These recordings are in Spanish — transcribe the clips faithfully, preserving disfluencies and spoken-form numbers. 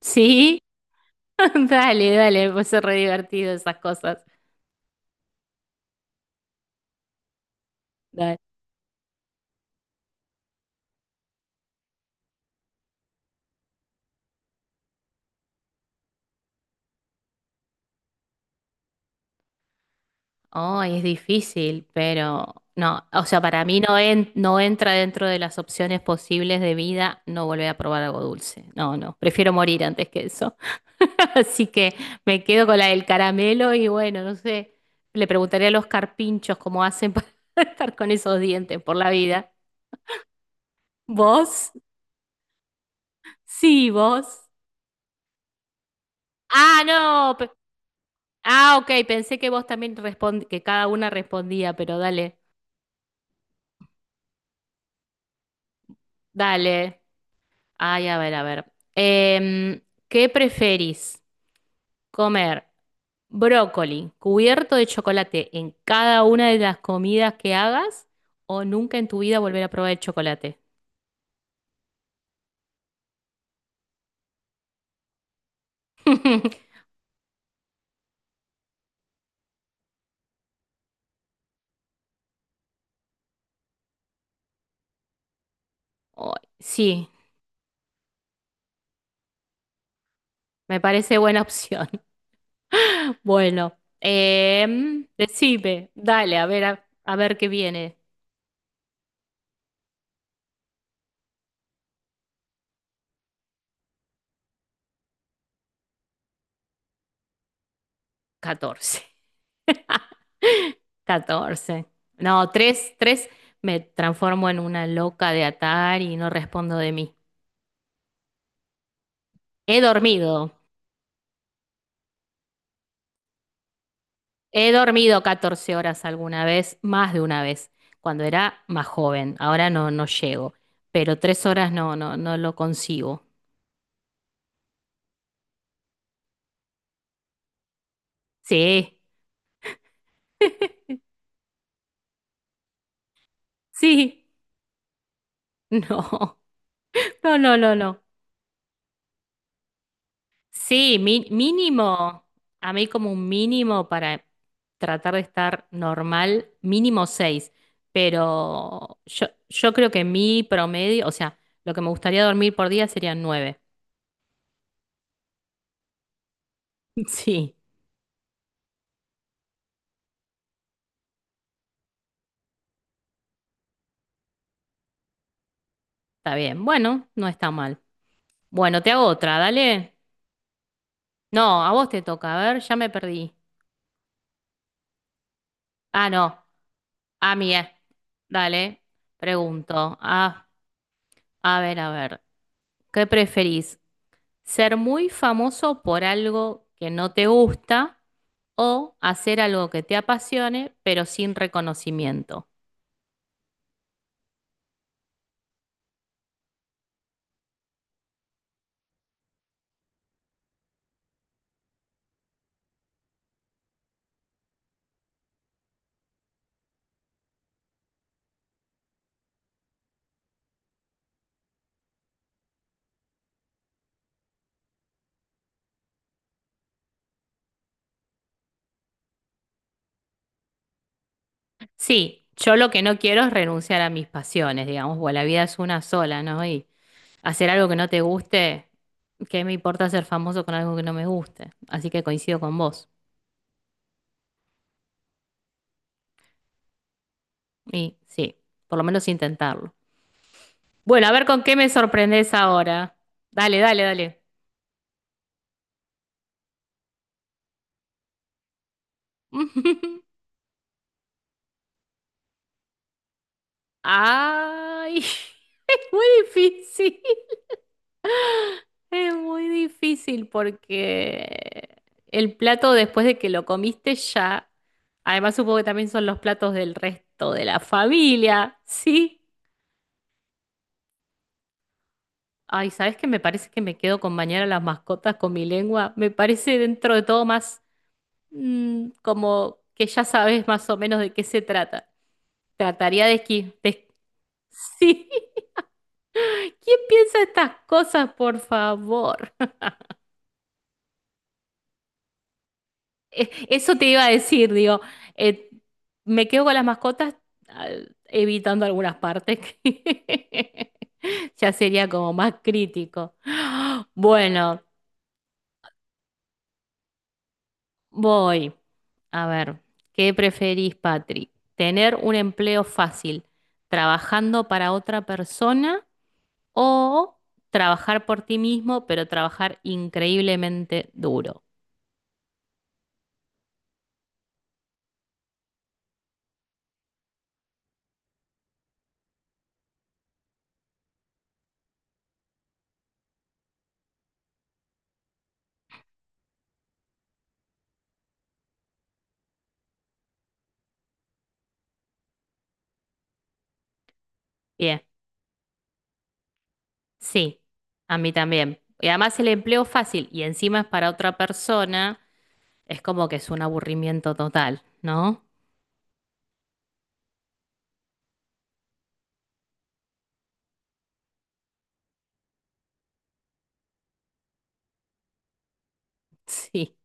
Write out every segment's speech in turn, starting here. Sí, dale, dale, pues es re divertido esas cosas. Dale. Oh, es difícil, pero no, o sea, para mí no, en- no entra dentro de las opciones posibles de vida no volver a probar algo dulce. No, no, prefiero morir antes que eso. Así que me quedo con la del caramelo y bueno, no sé, le preguntaré a los carpinchos cómo hacen para estar con esos dientes por la vida. ¿Vos? Sí, vos. Ah, no. Ah, ok, pensé que vos también respondí, que cada una respondía, pero dale, dale. Ay, a ver, a ver. Em, ¿qué preferís? ¿Comer brócoli cubierto de chocolate en cada una de las comidas que hagas o nunca en tu vida volver a probar el chocolate? Oh, sí, me parece buena opción. Bueno, em, decime, dale, a ver, a, a ver qué viene. Catorce catorce. No, tres, tres. Me transformo en una loca de atar y no respondo de mí. He dormido. He dormido catorce horas alguna vez, más de una vez, cuando era más joven. Ahora no, no llego. Pero tres horas no, no, no lo consigo. Sí, sí. No, no, no, no, no. Sí, mi- mínimo, a mí como un mínimo para tratar de estar normal, mínimo seis, pero yo, yo creo que mi promedio, o sea, lo que me gustaría dormir por día serían nueve. Sí, está bien. Bueno, no está mal. Bueno, te hago otra, dale. No, a vos te toca, a ver, ya me perdí. Ah, no, a mí es. Dale, pregunto. Ah, a ver, a ver, ¿qué preferís? Ser muy famoso por algo que no te gusta o hacer algo que te apasione, pero sin reconocimiento. Sí, yo lo que no quiero es renunciar a mis pasiones, digamos, porque la vida es una sola, ¿no? Y hacer algo que no te guste, ¿qué me importa ser famoso con algo que no me guste? Así que coincido con vos. Y sí, por lo menos intentarlo. Bueno, a ver con qué me sorprendés ahora. Dale, dale, dale. Ay, es muy difícil. Es muy difícil porque el plato después de que lo comiste ya, además supongo que también son los platos del resto de la familia, ¿sí? Ay, ¿sabes qué? Me parece que me quedo con bañar a las mascotas con mi lengua. Me parece dentro de todo más mm, como que ya sabes más o menos de qué se trata. Trataría de esquivar. Sí, ¿quién piensa estas cosas, por favor? Eh, Eso te iba a decir, digo, eh, me quedo con las mascotas, ah, evitando algunas partes que ya sería como más crítico. Bueno, voy. A ver, ¿qué preferís, Patri? ¿Tener un empleo fácil trabajando para otra persona o trabajar por ti mismo, pero trabajar increíblemente duro? Sí, a mí también. Y además el empleo fácil y encima es para otra persona, es como que es un aburrimiento total, ¿no? Sí,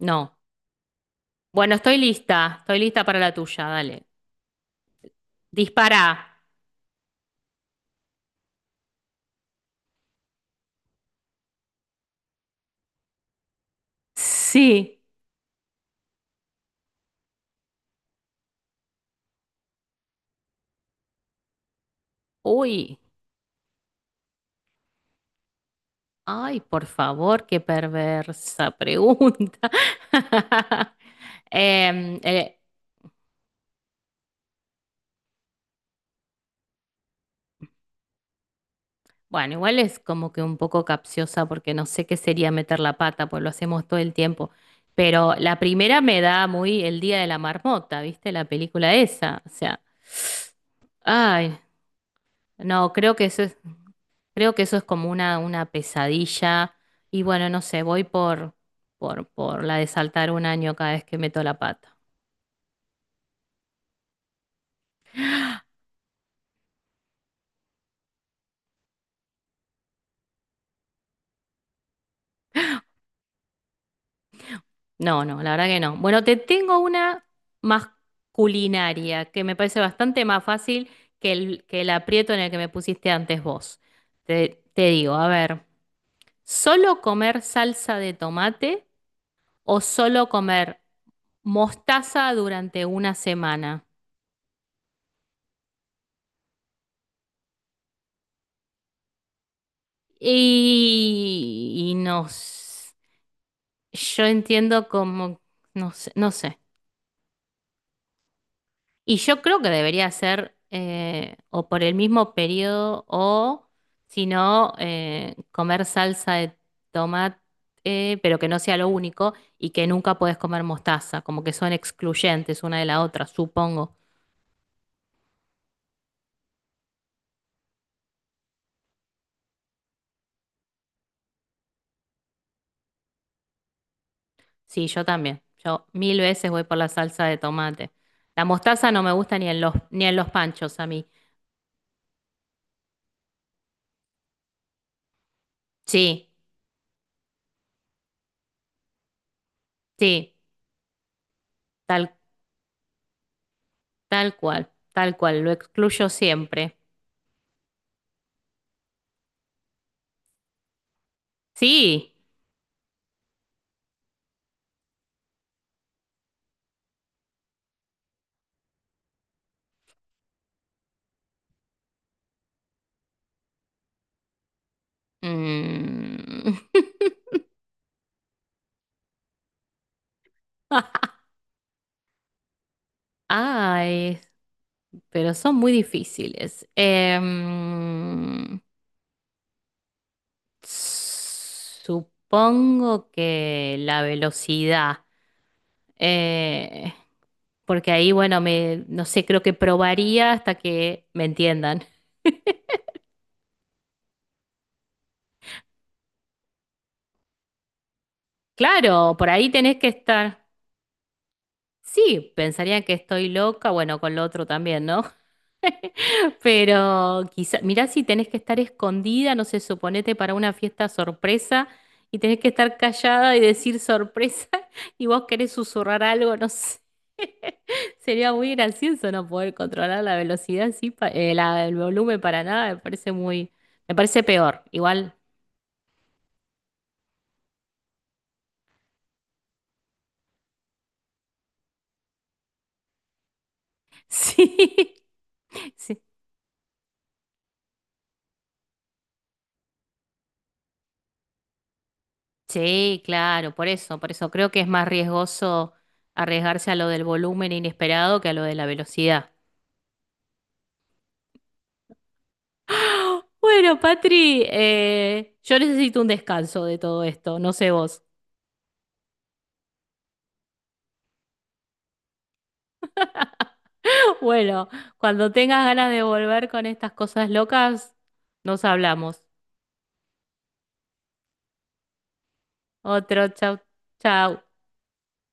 no. Bueno, estoy lista, estoy lista para la tuya, dale. Dispara. Sí. Uy, ay, por favor, qué perversa pregunta. Em, eh, Bueno, igual es como que un poco capciosa porque no sé qué sería meter la pata, pues lo hacemos todo el tiempo. Pero la primera me da muy el día de la marmota, ¿viste? La película esa. O sea, ay, no, creo que eso es, creo que eso es como una, una pesadilla. Y bueno, no sé, voy por, por, por la de saltar un año cada vez que meto la pata. No, no, la verdad que no. Bueno, te tengo una más culinaria, que me parece bastante más fácil que el, que el aprieto en el que me pusiste antes vos. Te, te digo, a ver, ¿solo comer salsa de tomate o solo comer mostaza durante una semana? Y, y no, s- yo entiendo como, no sé, no sé. Y yo creo que debería ser eh, o por el mismo periodo o, si no, eh, comer salsa de tomate, eh, pero que no sea lo único y que nunca puedes comer mostaza, como que son excluyentes una de la otra, supongo. Sí, yo también. Yo mil veces voy por la salsa de tomate. La mostaza no me gusta ni en los, ni en los panchos a mí. Sí, sí, tal, tal cual, tal cual, lo excluyo siempre. Sí. Mm. Ay, pero son muy difíciles. Em, supongo que la velocidad, eh, porque ahí, bueno, me, no sé, creo que probaría hasta que me entiendan. Claro, por ahí tenés que estar. Sí, pensarían que estoy loca, bueno, con lo otro también, ¿no? Pero quizá, mirá si tenés que estar escondida, no sé, suponete para una fiesta sorpresa y tenés que estar callada y decir sorpresa y vos querés susurrar algo, no sé. Sería muy gracioso no poder controlar la velocidad, sí, pa- eh, la- el volumen para nada, me parece muy, me parece peor, igual. Sí, sí. Sí, claro, por eso, por eso creo que es más riesgoso arriesgarse a lo del volumen inesperado que a lo de la velocidad. Bueno, Patri, eh, yo necesito un descanso de todo esto, no sé vos. Bueno, cuando tengas ganas de volver con estas cosas locas, nos hablamos. Otro, chau, chau.